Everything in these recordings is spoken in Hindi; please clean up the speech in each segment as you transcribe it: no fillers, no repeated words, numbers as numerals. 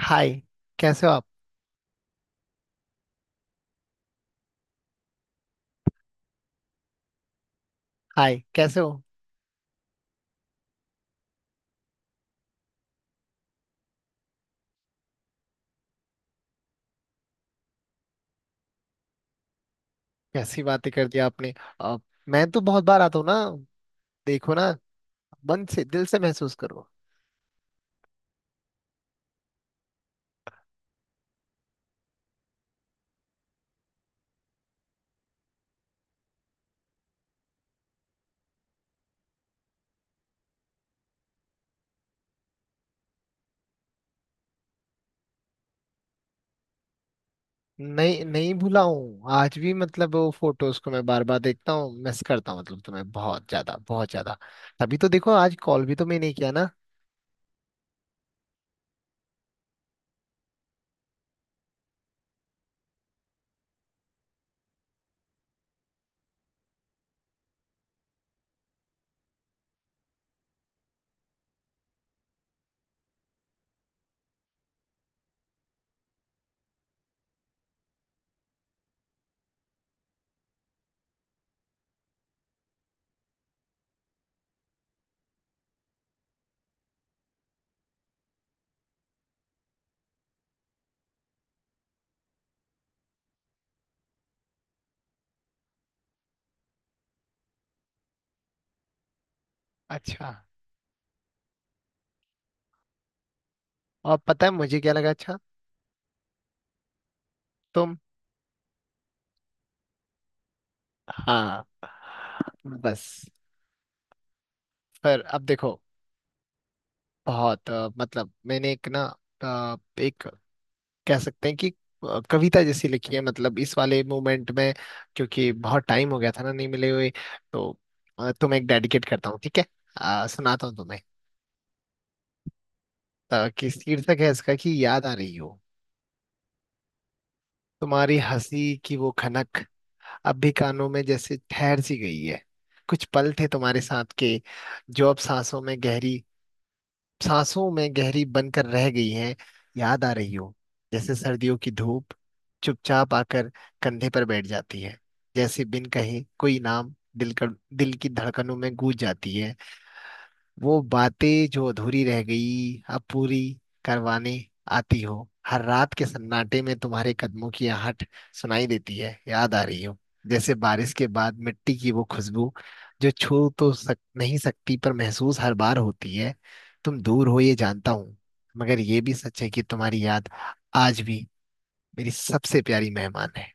हाय। कैसे हो आप। हाय कैसे हो। कैसी बातें कर दी आपने। अब मैं तो बहुत बार आता हूँ ना। देखो ना। मन से दिल से महसूस करो। नहीं नहीं भूला हूँ आज भी मतलब वो फोटोज को मैं बार बार देखता हूँ, मिस करता हूँ, मतलब तुम्हें बहुत ज्यादा बहुत ज्यादा। तभी तो देखो आज कॉल भी तो मैं नहीं किया ना। अच्छा और पता है मुझे क्या लगा। अच्छा तुम। हाँ बस। फिर अब देखो। बहुत मतलब मैंने एक ना अ, एक कह सकते हैं कि कविता जैसी लिखी है मतलब इस वाले मोमेंट में, क्योंकि बहुत टाइम हो गया था ना नहीं मिले हुए। तो तुम्हें एक डेडिकेट करता हूँ, ठीक है। सुनाता हूँ तुम्हें। कि शीर्षक है इसका कि याद आ रही हो। तुम्हारी हंसी की वो खनक अब भी कानों में जैसे ठहर सी गई है। कुछ पल थे तुम्हारे साथ के जो अब सांसों में गहरी बनकर रह गई हैं। याद आ रही हो। जैसे सर्दियों की धूप चुपचाप आकर कंधे पर बैठ जाती है। जैसे बिन कहे कोई नाम दिल कर दिल की धड़कनों में गूंज जाती है। वो बातें जो अधूरी रह गई अब पूरी करवाने आती हो। हर रात के सन्नाटे में तुम्हारे कदमों की आहट सुनाई देती है। याद आ रही हो। जैसे बारिश के बाद मिट्टी की वो खुशबू जो छू तो नहीं सकती पर महसूस हर बार होती है। तुम दूर हो ये जानता हूँ, मगर ये भी सच है कि तुम्हारी याद आज भी मेरी सबसे प्यारी मेहमान है।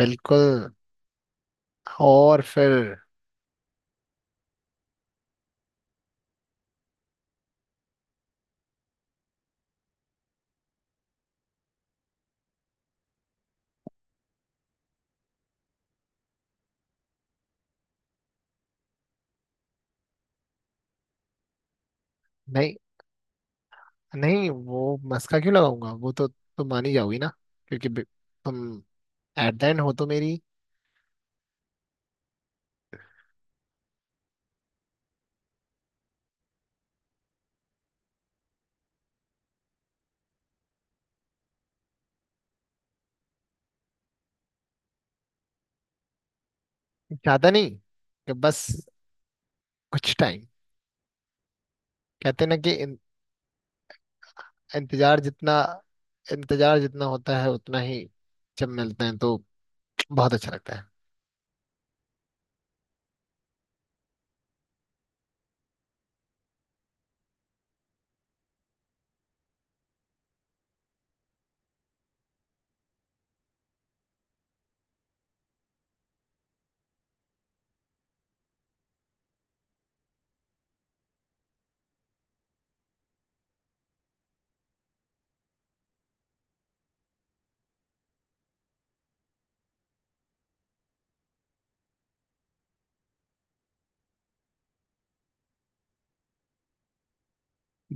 बिल्कुल। और फिर नहीं नहीं वो मस्का क्यों लगाऊंगा, वो तो तुम मान ही जाओगी ना। क्योंकि तुम एट द एंड हो तो मेरी। ज्यादा नहीं, कि बस कुछ टाइम। कहते ना कि इंतजार जितना। इंतजार जितना होता है उतना ही जब मिलते हैं तो बहुत अच्छा लगता है।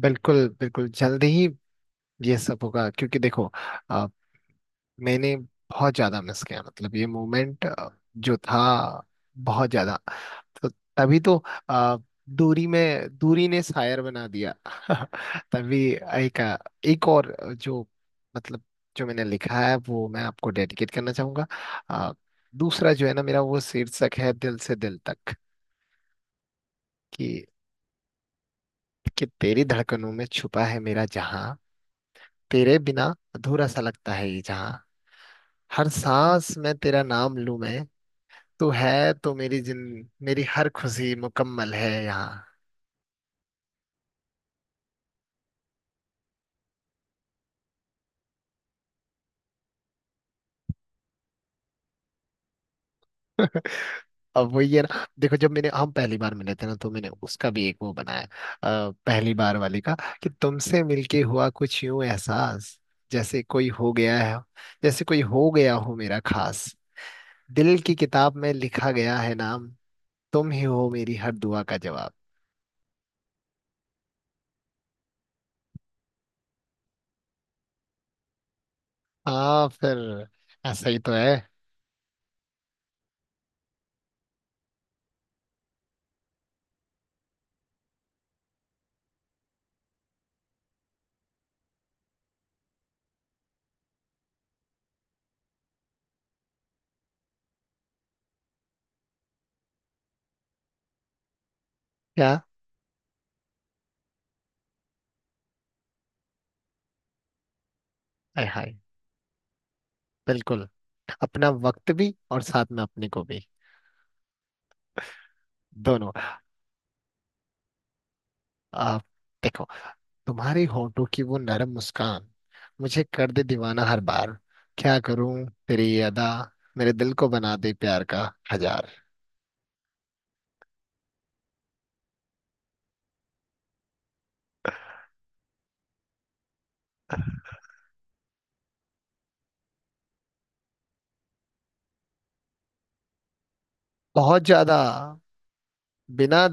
बिल्कुल बिल्कुल जल्दी ही ये सब होगा, क्योंकि देखो मैंने बहुत ज्यादा मिस किया मतलब ये मोमेंट जो था, बहुत ज्यादा। तो तभी तो अ, दूरी में दूरी ने शायर बना दिया तभी एक और जो मतलब जो मैंने लिखा है वो मैं आपको डेडिकेट करना चाहूंगा। अ, दूसरा जो है ना मेरा वो शीर्षक है दिल से दिल तक। कि कि तेरी धड़कनों में छुपा है मेरा जहां। तेरे बिना अधूरा सा लगता है ये जहां। हर सांस में तेरा नाम लूं मैं। तू है तो मेरी जिन मेरी हर खुशी मुकम्मल है यहाँ। अब वही है ना देखो, जब मैंने हम पहली बार मिले थे ना तो मैंने उसका भी एक वो बनाया। पहली बार वाली का। कि तुमसे मिलके हुआ कुछ यूं एहसास जैसे कोई हो गया है। जैसे कोई हो गया हो मेरा खास। दिल की किताब में लिखा गया है नाम। तुम ही हो मेरी हर दुआ का जवाब। हाँ फिर ऐसा ही तो है। क्या। हाय हाय। बिल्कुल। अपना वक्त भी और साथ में अपने को भी, दोनों। आप देखो। तुम्हारी होठों की वो नरम मुस्कान मुझे कर दे दीवाना हर बार। क्या करूं तेरी ये अदा मेरे दिल को बना दे प्यार का हजार। बहुत ज्यादा। बिना।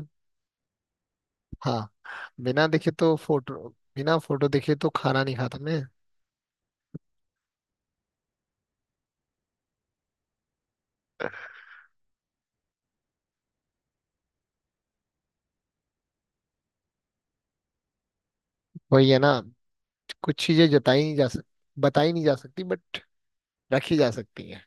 हाँ। बिना देखे तो फोटो बिना फोटो देखे तो खाना नहीं खाता मैं। वही है ना, कुछ चीजें जताई नहीं जा सक बताई नहीं जा सकती बट रखी जा सकती है।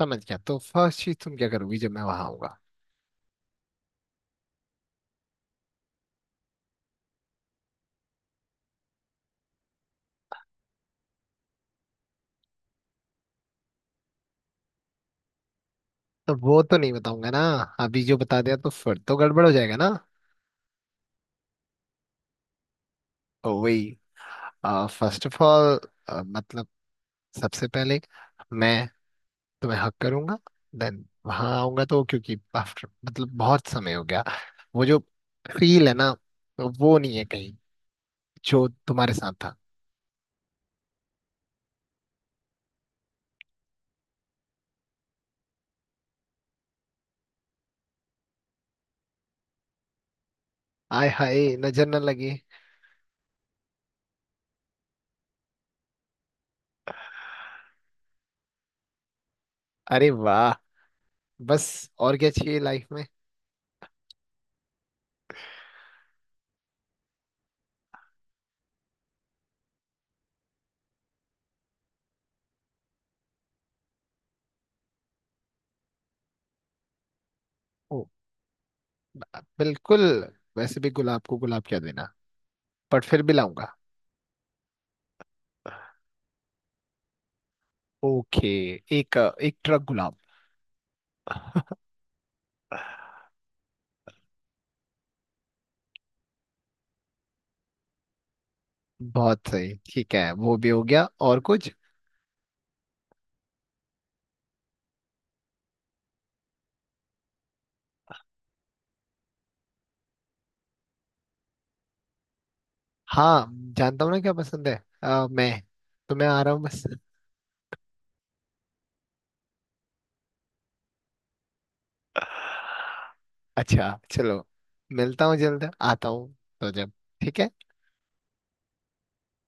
समझ गया। तो फर्स्ट चीज तुम क्या करोगी जब मैं वहां आऊंगा। तो वो तो नहीं बताऊंगा ना। अभी जो बता दिया तो फिर तो गड़बड़ हो जाएगा ना। ओ वही। फर्स्ट ऑफ ऑल मतलब सबसे पहले मैं तुम्हें हक करूंगा। देन वहां आऊंगा तो क्योंकि आफ्टर मतलब बहुत समय हो गया। वो जो फील है ना, तो वो नहीं है कहीं जो तुम्हारे साथ था। आय हाय नजर न लगे। अरे वाह। बस और क्या चाहिए लाइफ में। ओ बिल्कुल। वैसे भी गुलाब को गुलाब क्या देना, बट फिर भी लाऊंगा। ओके। एक एक ट्रक गुलाब। बहुत सही, ठीक है वो भी हो गया और कुछ। हाँ जानता हूँ ना क्या पसंद है। मैं तो मैं आ रहा हूँ बस। अच्छा चलो। मिलता हूँ जल्द आता हूँ। तो जब ठीक है।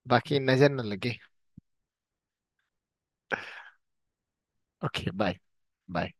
बाकी नजर न लगे। Okay bye. बाय।